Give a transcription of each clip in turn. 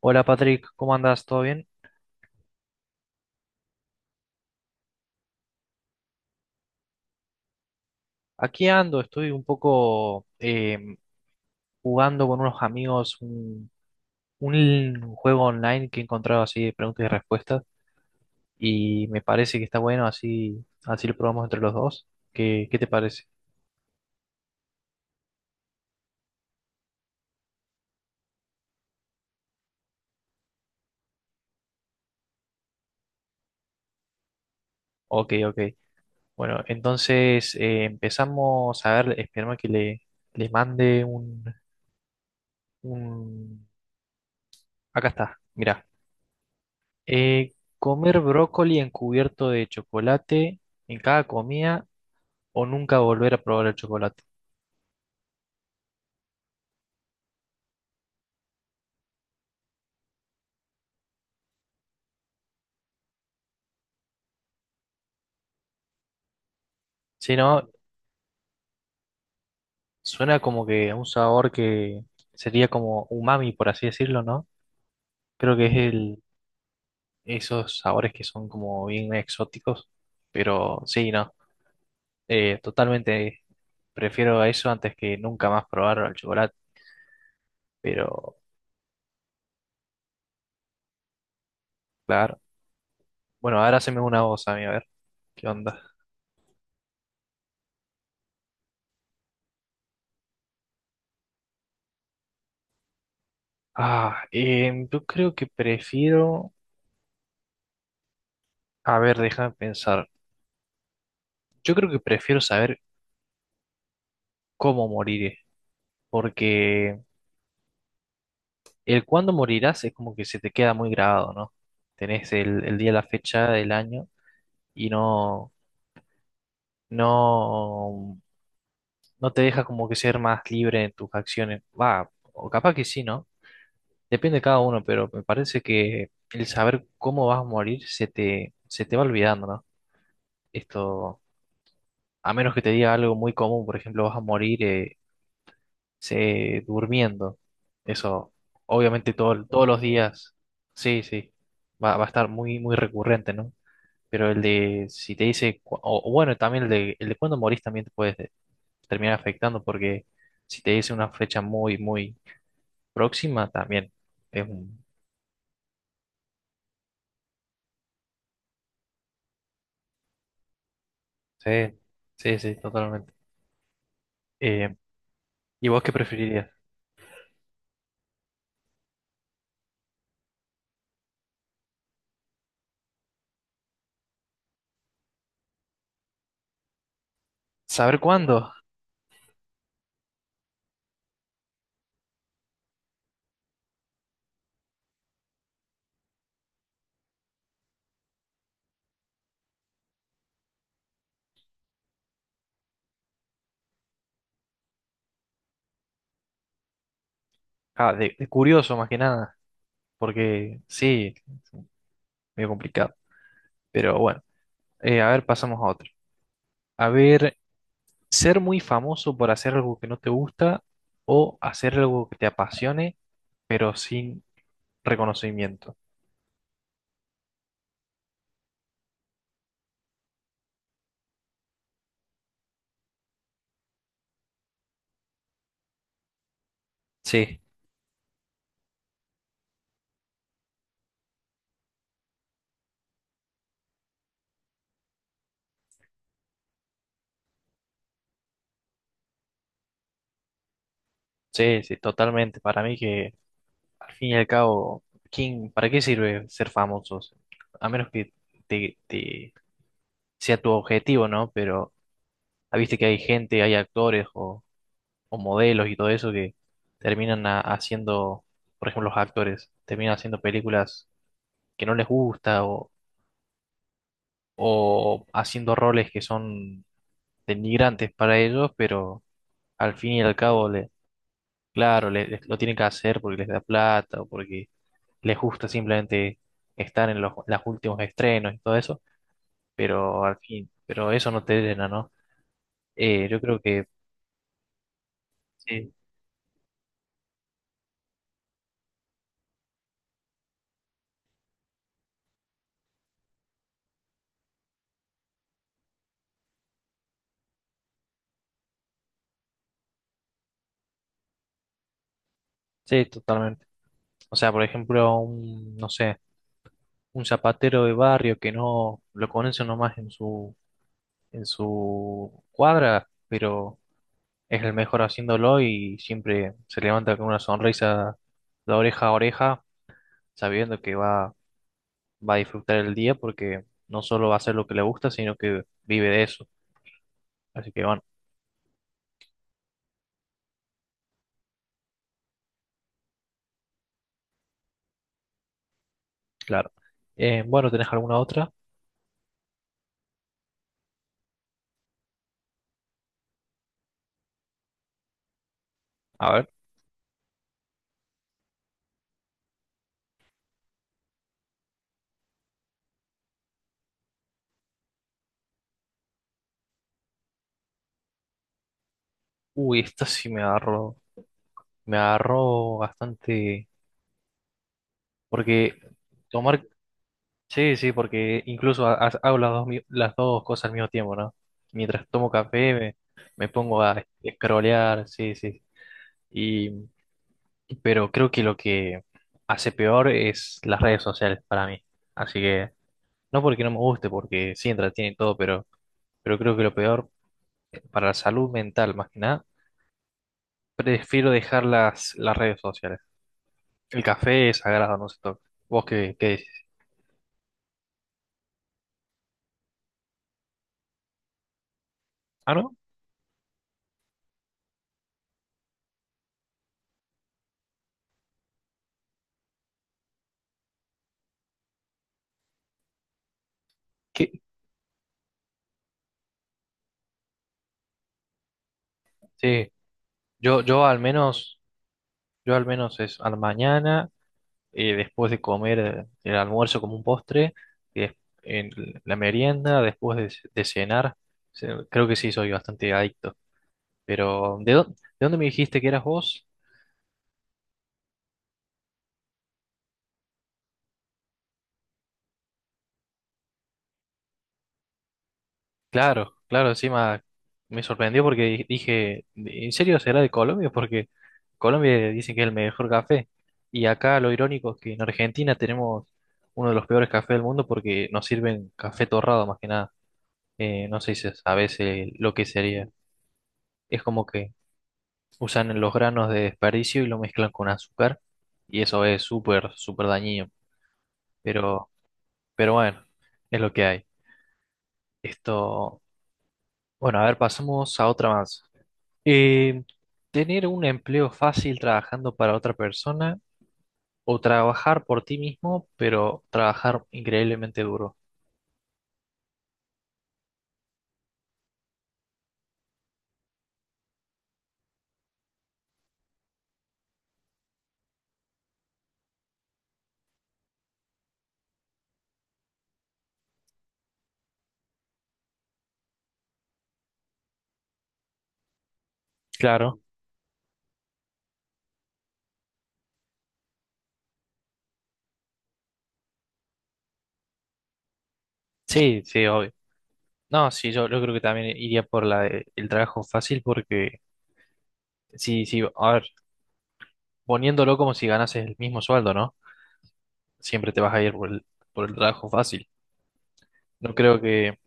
Hola Patrick, ¿cómo andas? ¿Todo bien? Aquí ando, estoy un poco jugando con unos amigos un juego online que he encontrado así de preguntas y respuestas y me parece que está bueno, así lo probamos entre los dos. ¿Qué te parece? Ok, ok. Bueno, entonces empezamos a ver, esperemos que le mande un... Acá está, mira. Comer brócoli encubierto de chocolate en cada comida o nunca volver a probar el chocolate. Si no, suena como que un sabor que sería como umami, por así decirlo, ¿no? Creo que es esos sabores que son como bien exóticos, pero sí, no, totalmente prefiero a eso antes que nunca más probar el chocolate, pero claro. Bueno, ahora haceme una voz a mí, a ver, ¿qué onda? Ah, yo creo que prefiero, a ver, déjame pensar, yo creo que prefiero saber cómo moriré, porque el cuándo morirás es como que se te queda muy grabado, ¿no? Tenés el día, la fecha del año y no, no te deja como que ser más libre en tus acciones. Va, o capaz que sí, ¿no? Depende de cada uno, pero me parece que el saber cómo vas a morir se te va olvidando, ¿no? Esto, a menos que te diga algo muy común, por ejemplo, vas a morir durmiendo. Eso, obviamente todos los días, sí, sí, va a estar muy recurrente, ¿no? Pero el de, si te dice, o bueno, también el de cuándo morís también te puedes terminar afectando porque si te dice una fecha muy próxima, también es un... Sí, sí, sí, totalmente. Eh, ¿Y vos qué preferirías? ¿Saber cuándo? Ah, de curioso más que nada, porque sí, es medio complicado. Pero bueno, a ver, pasamos a otro. A ver, ser muy famoso por hacer algo que no te gusta o hacer algo que te apasione, pero sin reconocimiento. Sí, sí, sí, totalmente. Para mí que al fin y al cabo, ¿quién, para qué sirve ser famosos? A menos que te, te- sea tu objetivo, ¿no? Pero ah, viste que hay gente, hay actores o modelos y todo eso que terminan haciendo, por ejemplo, los actores terminan haciendo películas que no les gusta o haciendo roles que son denigrantes para ellos, pero al fin y al cabo, le, claro, le- les- lo tienen que hacer porque les da plata o porque les gusta simplemente estar en los últimos estrenos y todo eso, pero al fin, pero eso no te llena, ¿no? Yo creo que sí, sí, totalmente. O sea, por ejemplo, no sé, un zapatero de barrio que no lo conoce nomás en en su cuadra, pero es el mejor haciéndolo y siempre se levanta con una sonrisa de oreja a oreja, sabiendo que va a disfrutar el día porque no solo va a hacer lo que le gusta, sino que vive de eso. Así que bueno. Claro. Bueno, ¿tenés alguna otra? A ver. Uy, esta sí me agarró. Me agarró bastante. Porque tomar. Sí, sí, porque incluso hago las dos, las dos cosas al mismo tiempo, ¿no? Mientras tomo café me pongo a scrollear, sí, sí. Y, pero creo que lo que hace peor es las redes sociales para mí. Así que, no porque no me guste, porque sí entretiene y todo, pero creo que lo peor para la salud mental, más que nada prefiero dejar las redes sociales. El café es sagrado, no se toca. ¿Vos qué decís? Ah, ¿no? ¿Qué? Sí, yo, yo al menos, yo al menos es a la mañana, después de comer el almuerzo como un postre, y des- en la merienda, después de, de cenar. Creo que sí, soy bastante adicto. Pero, ¿de dónde me dijiste que eras vos? Claro, claro, encima me sorprendió porque dije, ¿en serio será de Colombia? Porque Colombia dicen que es el mejor café. Y acá lo irónico es que en Argentina tenemos uno de los peores cafés del mundo porque nos sirven café torrado más que nada. No sé si sabes veces lo que sería. Es como que usan los granos de desperdicio y lo mezclan con azúcar y eso es súper, súper dañino. Pero, pero bueno, es lo que hay. Esto, bueno, a ver, pasamos a otra más. Eh, Tener un empleo fácil trabajando para otra persona o trabajar por ti mismo, pero trabajar increíblemente duro. Claro, sí, sí, obvio. No, sí, yo creo que también iría por el trabajo fácil porque, sí, sí, a ver, poniéndolo como si ganases el mismo sueldo, ¿no? Siempre te vas a ir por por el trabajo fácil. No creo que,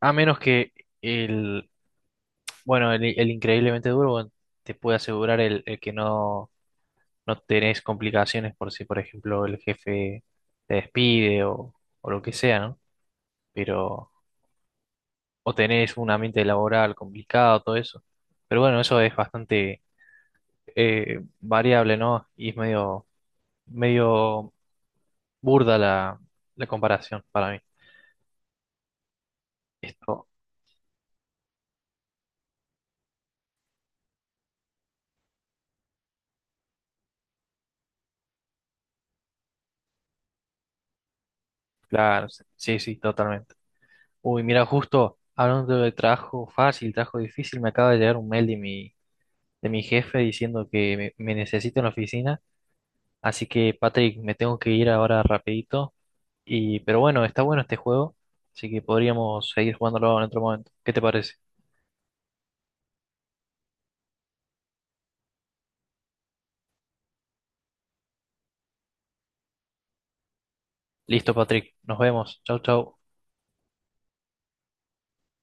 a menos que el, el increíblemente duro bueno, te puede asegurar el que no no tenés complicaciones por si, por ejemplo, el jefe te despide o lo que sea, ¿no? Pero, o tenés un ambiente laboral complicado, todo eso. Pero bueno, eso es bastante variable, ¿no? Y es medio burda la comparación para mí. Esto, claro, sí, sí, sí, totalmente. Uy, mira, justo hablando de trabajo fácil, trabajo difícil, me acaba de llegar un mail de de mi jefe diciendo que me necesita en la oficina. Así que, Patrick, me tengo que ir ahora rapidito. Y, pero bueno, está bueno este juego, así que podríamos seguir jugándolo en otro momento. ¿Qué te parece? Listo, Patrick. Nos vemos. Chau, chau.